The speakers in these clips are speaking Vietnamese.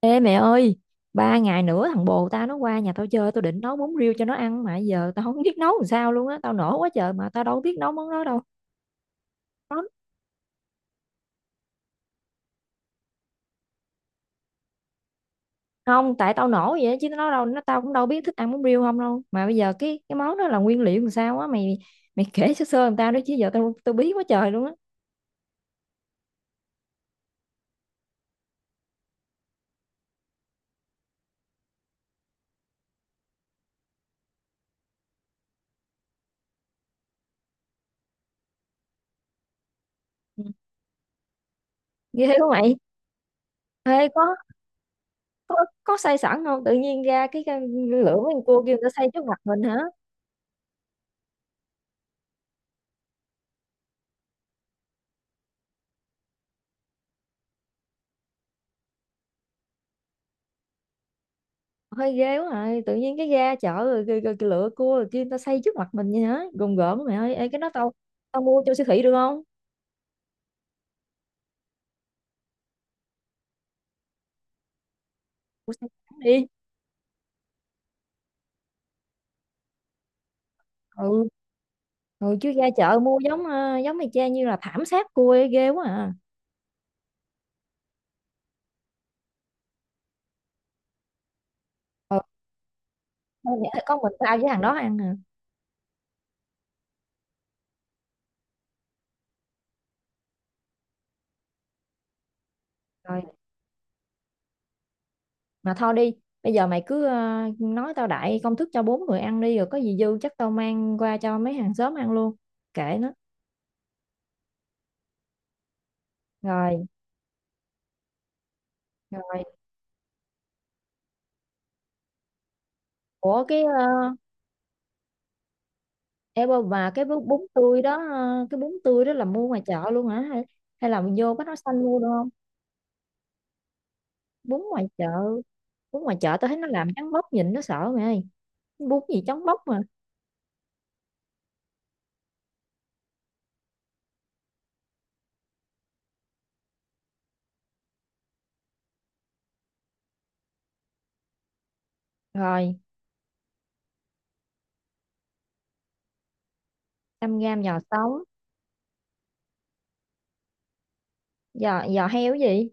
Ê mẹ ơi, 3 ngày nữa thằng bồ tao nó qua nhà tao chơi, tao định nấu bún riêu cho nó ăn mà giờ tao không biết nấu làm sao luôn á, tao nổ quá trời mà tao đâu biết nấu món đó đâu. Nó- Không, tại tao nổ vậy á, chứ nó đâu, nó tao cũng đâu biết thích ăn bún riêu không đâu. Mà bây giờ cái món đó là nguyên liệu làm sao á, mày mày kể sơ sơ làm tao đó chứ giờ tao tao bí quá trời luôn á. Ừ. Ghê quá mày. Ê có có xay sẵn không? Tự nhiên ra cái lửa mấy con cua kia người ta xay trước mặt mình hả? Hơi ghê quá rồi tự nhiên cái ga chợ rồi, rồi, rồi, rồi lựa cua rồi kia người ta xây trước mặt mình vậy hả gồm gồm mày ơi. Ê, cái đó tao tao mua cho siêu thị được không? Mua siêu thị đi. Ừ, ừ, chứ ra chợ mua giống giống mày cha như là thảm sát cua ấy, ghê quá à. Ừ, thôi vậy thôi, con mình tao với thằng đó ăn à. Rồi mà thôi đi. Bây giờ mày cứ nói tao đại công thức cho 4 người ăn đi rồi có gì dư chắc tao mang qua cho mấy hàng xóm ăn luôn, kệ nó. Rồi, rồi, ủa cái ờ, Ê Bà, cái bún bún tươi đó cái bún tươi đó là mua ngoài chợ luôn hả, hay là mình vô Bách Hóa Xanh mua được không? Bún ngoài chợ, bún ngoài chợ tao thấy nó làm trắng bóc nhìn nó sợ mày ơi. Bún gì trắng bóc mà. Rồi 100 gram giò sống. Giò giò heo cái gì?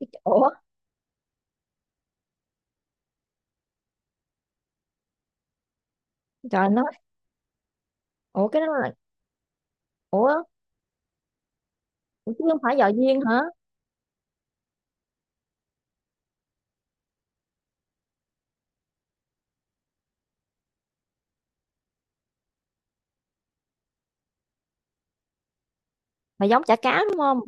Cái ủa. Trời nó. Ủa cái đó là. Ủa ủa chứ không phải giò viên hả? Mà giống chả cá đúng không?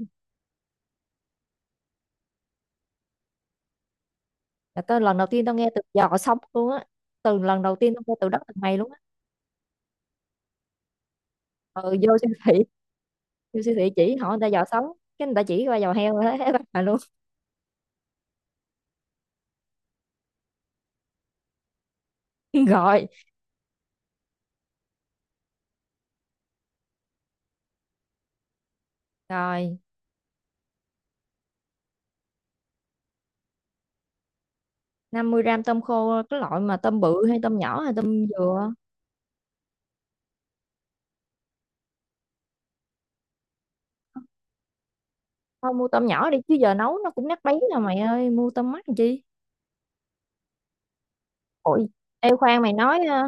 Là tao lần đầu tiên tao nghe từ giò sống luôn á. Từ lần đầu tiên tao nghe từ đất từ mày luôn á. Ừ Vô siêu thị chỉ hỏi người ta giò sống, cái người ta chỉ qua giò heo thế bà luôn. Gọi. Rồi, 50 gram tôm khô cái loại mà tôm bự hay tôm nhỏ hay tôm dừa. Thôi mua tôm nhỏ đi chứ giờ nấu nó cũng nát bấy rồi mày ơi, mua tôm mắt làm chi. Ôi, ê khoan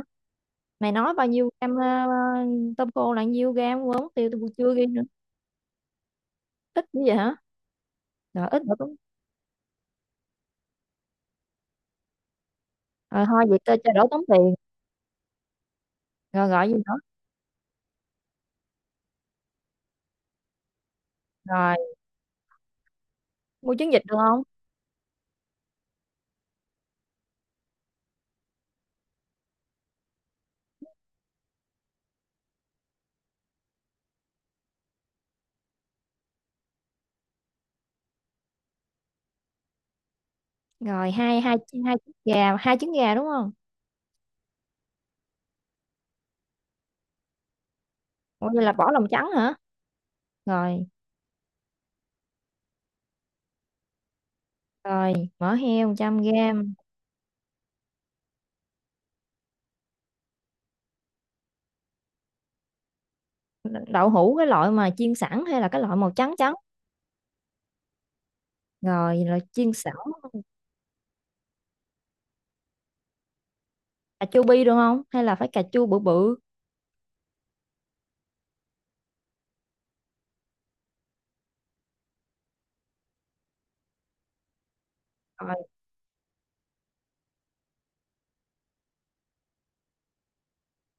mày nói bao nhiêu gram tôm khô là nhiêu gram, quên mất tiêu tôi chưa ghi nữa. Ít như vậy hả? Rồi ít rồi, đúng. Rồi thôi vậy cho đỡ tốn tiền. Rồi gọi gì nữa? Rồi, mua trứng vịt được không? Rồi, hai hai hai trứng gà đúng không? Ủa vậy là bỏ lòng trắng hả? Rồi, rồi, mỡ heo 100 g. Đậu hũ cái loại mà chiên sẵn hay là cái loại màu trắng trắng? Rồi là chiên sẵn. Cà chua bi được không hay là phải cà chua bự bự? Rồi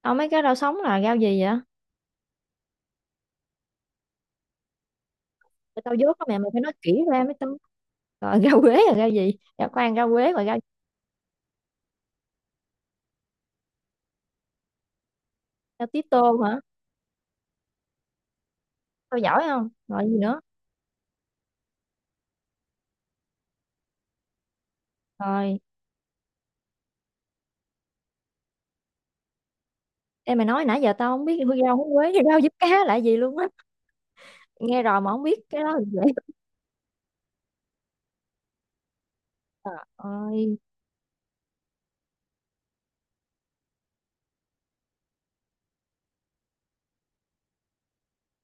tao mấy cái rau sống là rau gì vậy? Để tao dốt đó mẹ mày phải nói kỹ ra mới tao. Rồi rau quế là rau gì? Rau khoan, rau quế rồi rau. Rau tía tô hả? Tao giỏi không? Rồi gì nữa? Rồi em mày nói nãy giờ tao không biết rau húng quế, rau diếp cá là gì luôn á. Nghe rồi mà không biết cái đó là dễ. Trời ơi,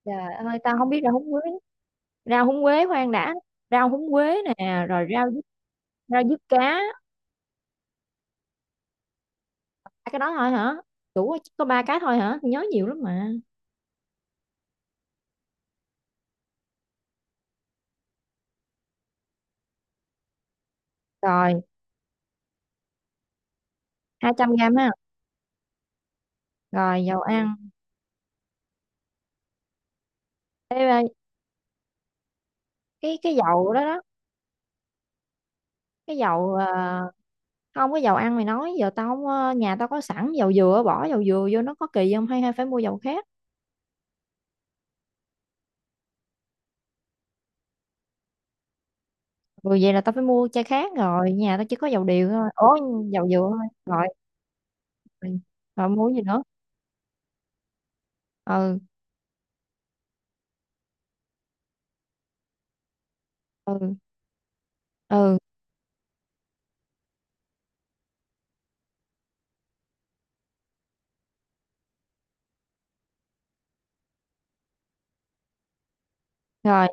trời ơi tao không biết rau húng quế. Rau húng quế khoan đã. Rau húng quế nè, rồi rau diếp cá. Ba cái đó thôi hả? Chỉ có ba cái thôi hả? Tôi nhớ nhiều lắm mà. Rồi 200 gram ha. Rồi dầu ăn. Cái cái, cái dầu đó đó. Cái dầu không cái dầu ăn mày nói giờ tao không, nhà tao có sẵn dầu dừa, bỏ dầu dừa vô nó có kỳ không, hay hay phải mua dầu khác? Ừ, vậy là tao phải mua chai khác rồi nhà tao chỉ có dầu điều thôi ố. Dầu dừa thôi. Rồi, rồi, rồi mua gì nữa? Ừ, ừ, ừ. Rồi,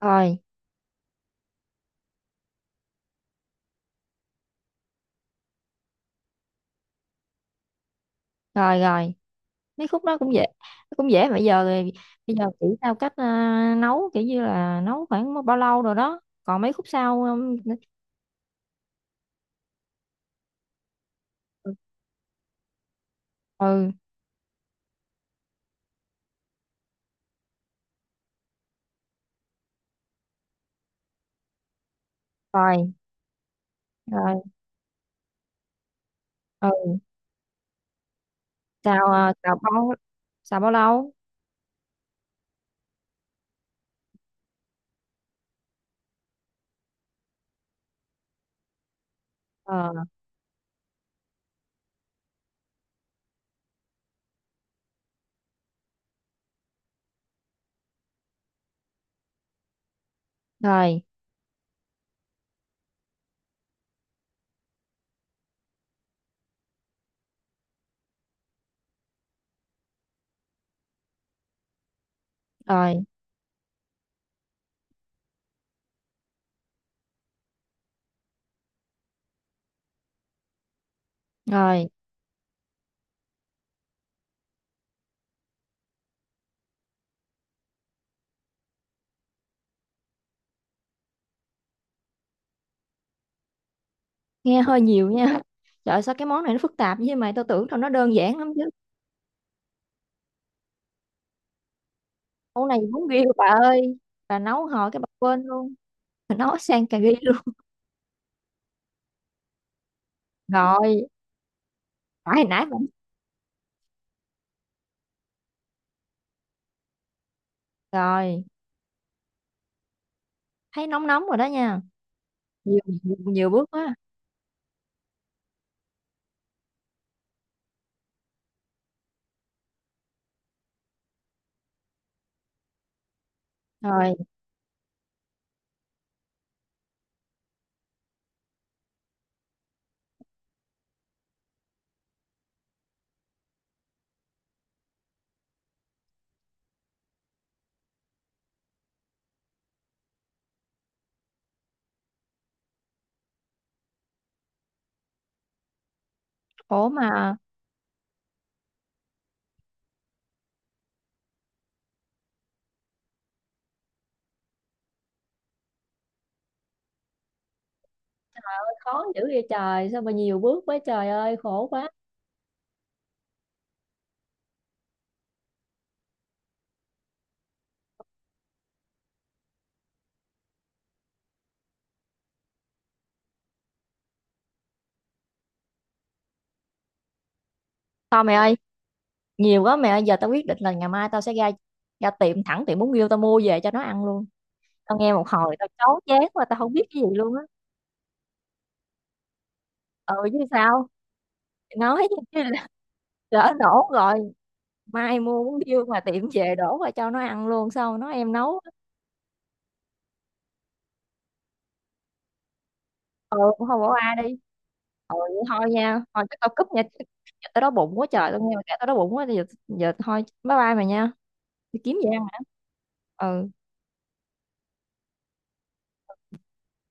rồi, rồi, rồi mấy khúc đó cũng dễ. Cũng dễ mà bây giờ thì bây giờ chỉ tao cách nấu kiểu như là nấu khoảng bao lâu rồi đó còn mấy khúc sau. Ừ, rồi rồi. Ừ xào xào bao lâu? Ờ, rồi rồi rồi. Nghe hơi nhiều nha trời ơi, sao cái món này nó phức tạp vậy mà tao tưởng tao nó đơn giản lắm chứ. Món này vốn ghi bà ơi. Bà nấu hồi cái bà quên luôn. Bà nấu sang cà ri luôn. Rồi phải hồi nãy bà. Rồi thấy nóng nóng rồi đó nha. Nhiều nhiều nhiều bước quá. Rồi khổ mà. Khó dữ vậy trời, sao mà nhiều bước quá trời ơi khổ quá. Thôi mẹ ơi, nhiều quá mẹ ơi, giờ tao quyết định là ngày mai tao sẽ ra ra tiệm thẳng tiệm bún riêu tao mua về cho nó ăn luôn. Tao nghe một hồi tao chán chán mà tao không biết cái gì luôn á. Ừ chứ sao. Nói chứ là lỡ đổ rồi. Mai mua bún riêu mà tiệm về đổ qua cho nó ăn luôn sao nó em nấu. Ừ, không bỏ ai đi. Ừ vậy thôi nha, thôi chắc tao cúp nha. Giờ tao đói bụng quá trời tao nghe mà kể tao đói bụng quá giờ giờ thôi bye bye mày nha. Đi kiếm gì ăn hả? Ừ.